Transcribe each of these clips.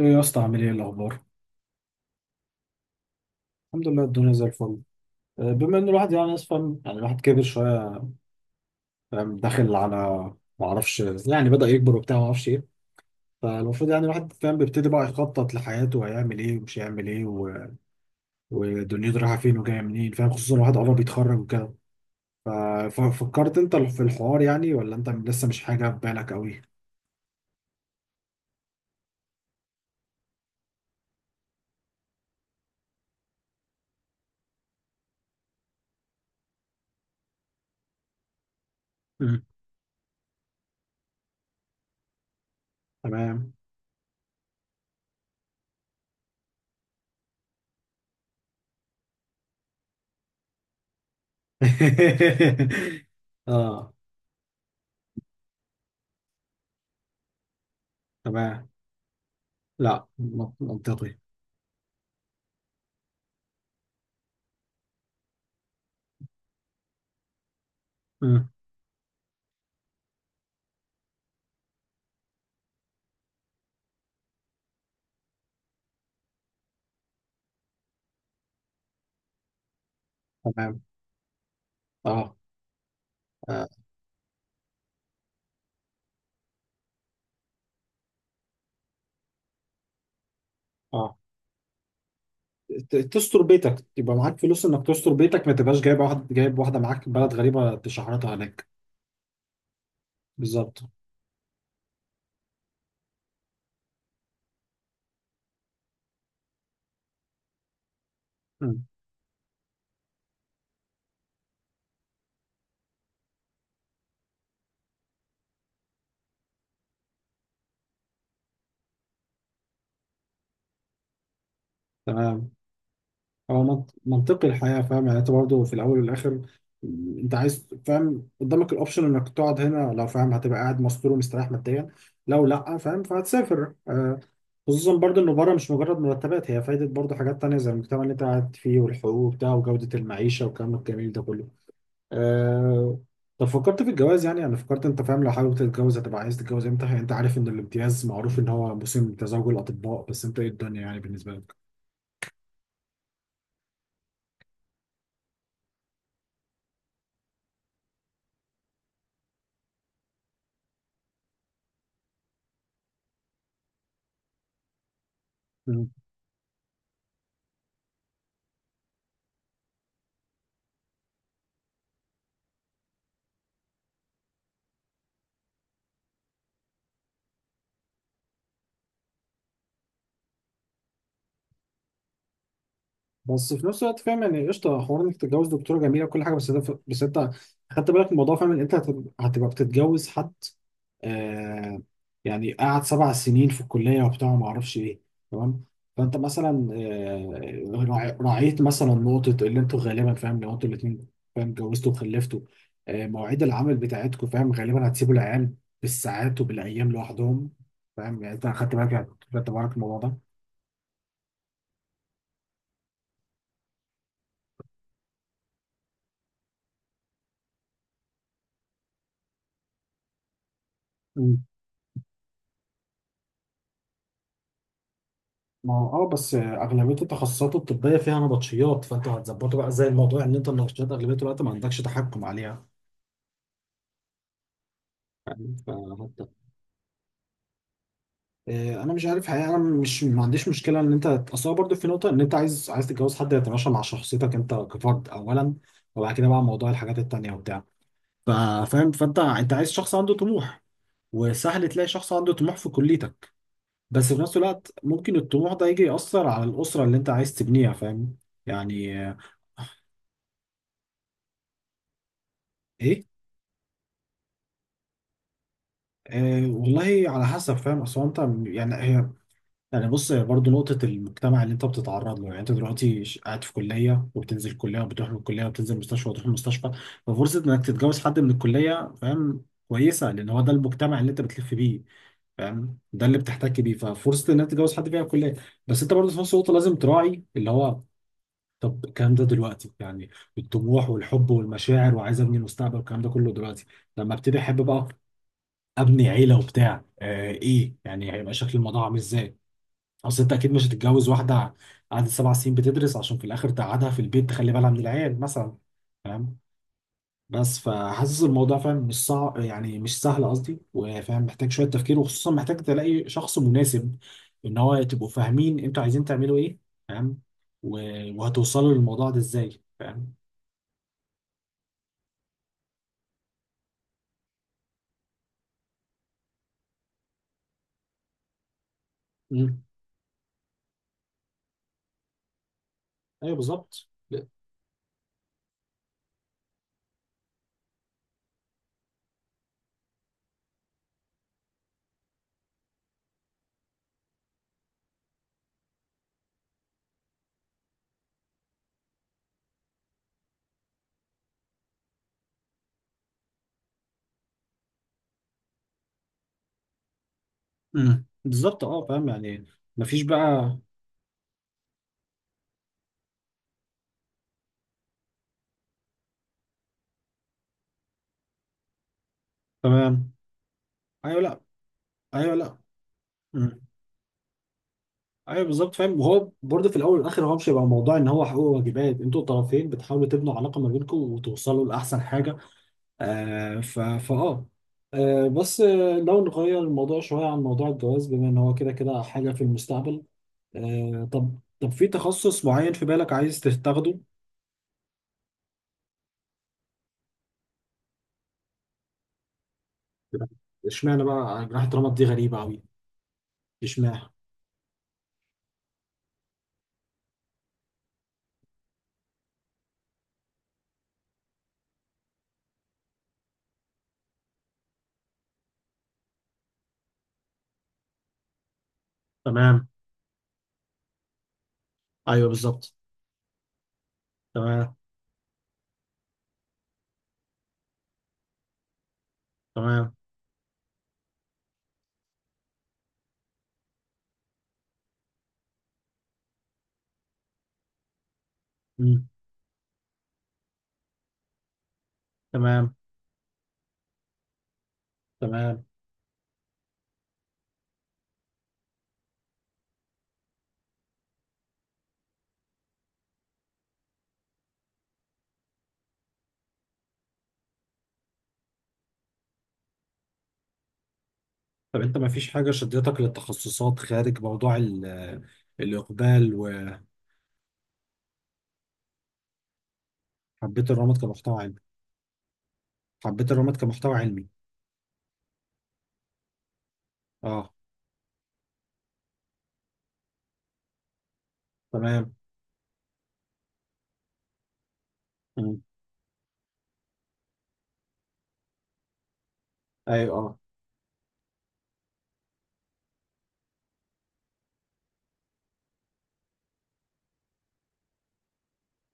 ايه يا اسطى، عامل ايه؟ الاخبار؟ الحمد لله، الدنيا زي الفل. بما ان الواحد ناس فاهم، الواحد كبر شويه، فاهم؟ داخل على، ما اعرفش، يعني بدأ يكبر وبتاع، ما اعرفش ايه. فالمفروض يعني الواحد، فاهم، بيبتدي بقى يخطط لحياته وهيعمل ايه ومش هيعمل ايه ودنيته رايحه فين وجايه منين، فاهم؟ خصوصا الواحد قرب يتخرج وكده. ف... ففكرت انت في الحوار يعني؟ ولا انت لسه مش حاجه في بالك قوي؟ مم. تمام. اه. تمام. لا. منطقي. مم. تمام. اه. اه. تستر بيتك، يبقى معاك فلوس انك تستر بيتك، ما تبقاش جايب واحد، جايب واحده معاك بلد غريبه تشحرطها هناك. بالظبط. مم. تمام. هو منطقي الحياه، فاهم يعني؟ انت برضه في الاول والاخر، مم، انت عايز، فاهم، قدامك الاوبشن انك تقعد هنا، لو فاهم هتبقى قاعد مستور ومستريح ماديا، لو لا فاهم فهتسافر. خصوصا برضه انه بره مش مجرد مرتبات هي فايده، برضه حاجات تانية زي المجتمع اللي انت قاعد فيه والحقوق بتاعه وجوده المعيشه والكلام الجميل ده كله. آه... طب فكرت في الجواز يعني؟ انا فكرت، انت فاهم، لو حابب تتجوز هتبقى عايز تتجوز امتى؟ يعني انت عارف ان الامتياز معروف ان هو موسم تزاوج الاطباء، بس انت ايه الدنيا يعني بالنسبه لك؟ بس في نفس الوقت فاهم، يعني قشطه حوار انك تتجوز دكتوره جميله وكل حاجه، بس ده بس انت خدت بالك من الموضوع؟ فاهم ان انت هتبقى بتتجوز حد. آه. يعني قعد 7 سنين في الكليه وبتاع، ما اعرفش ايه. تمام. فانت مثلا، آه، راعيت مثلا نقطه اللي انتوا غالبا، فاهم، لو انتوا الاثنين فاهم اتجوزتوا وخلفتوا، آه مواعيد العمل بتاعتكم، فاهم، غالبا هتسيبوا العيال بالساعات وبالايام لوحدهم، فاهم؟ يعني انت خدت بالك يعني، خدت بالك من الموضوع ده؟ ما هو اه، بس اغلبيه التخصصات الطبيه فيها نبطشيات، فانت هتظبطه بقى زي الموضوع ان انت النبطشيات اغلبيه الوقت ما عندكش تحكم عليها، يعني. فحتى، انا مش عارف حقيقه، انا مش، ما عنديش مشكله ان انت، اصل هو برضه في نقطه ان انت عايز تتجوز حد يتماشى مع شخصيتك انت كفرد اولا، وبعد كده بقى موضوع الحاجات التانيه وبتاع. ف- فاهم، فانت انت عايز شخص عنده طموح، وسهل تلاقي شخص عنده طموح في كليتك، بس في نفس الوقت ممكن الطموح ده يجي يأثر على الأسرة اللي انت عايز تبنيها، فاهم يعني؟ ايه، أه والله على حسب، فاهم، اصل هو، انت يعني هي، يعني بص هي برضه نقطة المجتمع اللي انت بتتعرض له. يعني انت دلوقتي قاعد في كلية وبتنزل كلية، وبتروح من الكلية وبتنزل مستشفى وتروح المستشفى، ففرصة انك تتجوز حد من الكلية، فاهم، كويسة، لان هو ده المجتمع اللي انت بتلف بيه، فاهم، ده اللي بتحتك بيه، ففرصة انك تتجوز حد فيها الكلية. بس انت برضه في نفس الوقت لازم تراعي اللي هو، طب الكلام ده دلوقتي يعني، الطموح والحب والمشاعر وعايز ابني مستقبل والكلام ده كله، دلوقتي لما ابتدي احب بقى، ابني عيله وبتاع، آه ايه، يعني هيبقى شكل الموضوع عامل ازاي؟ اصل انت اكيد مش هتتجوز واحده قعدت سبع سنين بتدرس عشان في الاخر تقعدها في البيت تخلي بالها من العيال مثلا، فاهم. بس فحاسس الموضوع، فاهم، مش صعب يعني، مش سهل قصدي، وفاهم محتاج شويه تفكير، وخصوصا محتاج تلاقي شخص مناسب، ان هو تبقوا فاهمين انتوا عايزين تعملوا ايه، فاهم، وهتوصلوا للموضوع ده ازاي، فاهم. امم. ايوه بالظبط. بالظبط، اه فاهم يعني. مفيش بقى. تمام. ايوه لا. ايوه لا. مم. ايوه بالظبط، فاهم. وهو برضه في الاول والاخر هو مش هيبقى موضوع ان هو حقوق وواجبات، انتوا الطرفين بتحاولوا تبنوا علاقه ما بينكم وتوصلوا لاحسن حاجه. آه ف فاه آه بس آه لو نغير الموضوع شويه عن موضوع الجواز، بما ان هو كده كده حاجه في المستقبل. طب في تخصص معين في بالك عايز تاخده؟ اشمعنى بقى جراحه رمد؟ دي غريبه قوي. اشمعنى؟ تمام. ايوه بالظبط. تمام. تمام. مم. تمام. تمام. طب انت ما فيش حاجة شدتك للتخصصات خارج موضوع الإقبال؟ وحبيت الرمد كمحتوى علمي؟ حبيت الرمد كمحتوى علمي. اه. تمام. مم. ايوه اه.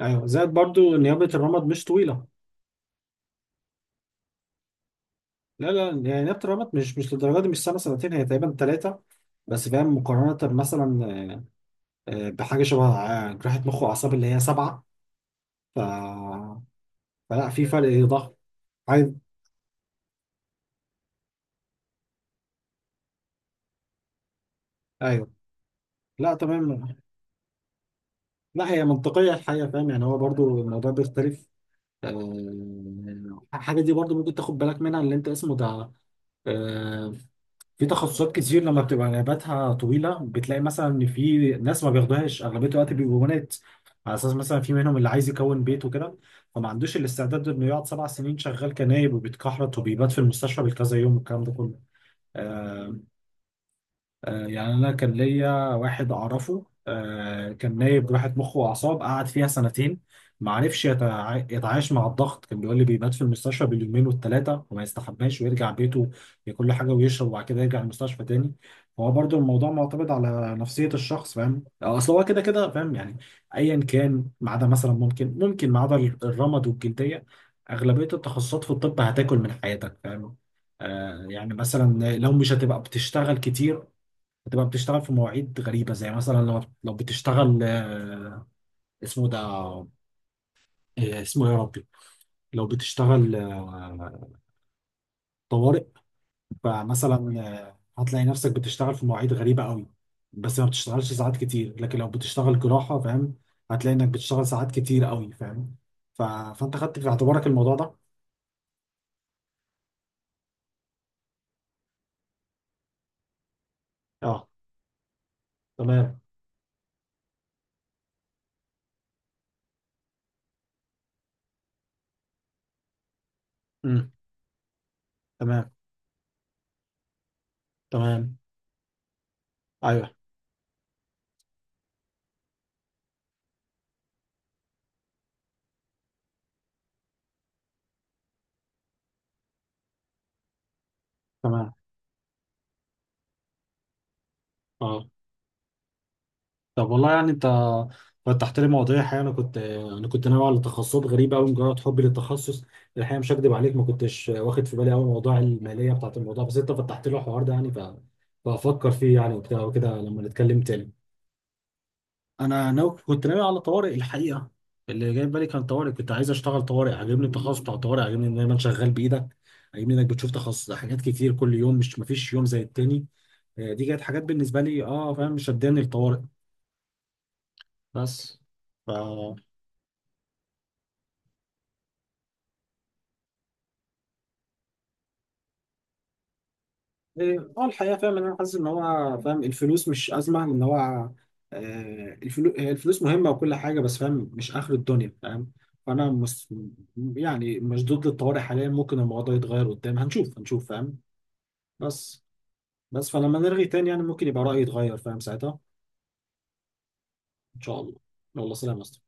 ايوه زائد برضو نيابة الرمد مش طويلة. لا لا يعني نيابة الرمد مش، مش للدرجة دي، مش سنة سنتين، هي تقريبا 3. بس فاهم، مقارنة مثلا بحاجة شبه، جراحة مخ وأعصاب اللي هي 7. ف... فلا في فرق ضخم. عايز. ايوه. لا تمام. لا هي منطقية الحقيقة، فاهم يعني، هو برضو الموضوع بيختلف. حاجة دي برضو ممكن تاخد بالك منها، اللي انت اسمه ده، آه، في تخصصات كتير لما بتبقى نوباتها طويلة بتلاقي مثلا ان في ناس ما بياخدوهاش، اغلبية الوقت بيبقوا بنات، على اساس مثلا في منهم اللي عايز يكون بيت وكده، فما عندوش الاستعداد انه يقعد 7 سنين شغال كنايب وبيتكحرت وبيبات في المستشفى بالكذا يوم والكلام ده كله. آه، يعني انا كان ليا واحد اعرفه، كان نايب راحة مخ واعصاب، قعد فيها سنتين ما عرفش يتعايش مع الضغط، كان بيقول لي بيبات في المستشفى باليومين والثلاثه وما يستحماش، ويرجع بيته ياكل له حاجه ويشرب وبعد كده يرجع المستشفى تاني. هو برضو الموضوع معتمد على نفسيه الشخص، فاهم، اصل هو كده كده، فاهم يعني، ايا كان، ما عدا مثلا، ممكن ما عدا الرمد والجلديه، اغلبيه التخصصات في الطب هتاكل من حياتك، فاهم. يعني مثلا لو مش هتبقى بتشتغل كتير، بتبقى بتشتغل في مواعيد غريبة زي مثلا لو بتشتغل، اسمه ده، اسمه إيه يا ربي؟ لو بتشتغل، طوارئ. فمثلا، هتلاقي نفسك بتشتغل في مواعيد غريبة قوي، بس ما بتشتغلش ساعات كتير. لكن لو بتشتغل جراحة، فاهم، هتلاقي انك بتشتغل ساعات كتير قوي، فاهم. فانت خدت في اعتبارك الموضوع ده؟ اه. تمام. امم. تمام. تمام. ايوه. تمام. اه. طب والله يعني انت فتحت لي مواضيع الحقيقه، انا كنت ناوي على تخصصات غريبه قوي مجرد حبي للتخصص. الحقيقه مش هكدب عليك، ما كنتش واخد في بالي قوي موضوع الماليه بتاعت الموضوع، بس انت فتحت لي الحوار ده يعني. فافكر فيه يعني وبتاع وكده لما نتكلم تاني. انا ناوي، كنت ناوي على طوارئ الحقيقه، اللي جاي في بالي كان طوارئ. كنت عايز اشتغل طوارئ، عاجبني التخصص بتاع الطوارئ، عاجبني ان دايما شغال بايدك، عاجبني انك بتشوف تخصص حاجات كتير كل يوم، مش مفيش يوم زي التاني. دي كانت حاجات بالنسبه لي، اه فاهم، شداني الطوارئ. بس، إيه، اه الحقيقة فاهم ان انا حاسس ان هو، فاهم، الفلوس مش أزمة، ان هو، هي الفلوس مهمة وكل حاجة، بس فاهم مش آخر الدنيا، فاهم. فأنا مس... يعني مش ضد الطوارئ حاليا، ممكن الموضوع يتغير قدام، هنشوف هنشوف، فاهم. بس، بس فلما نرغي تاني يعني ممكن يبقى رأيي يتغير فاهم ساعتها. إن شاء الله. يلا، سلام يا أسطى.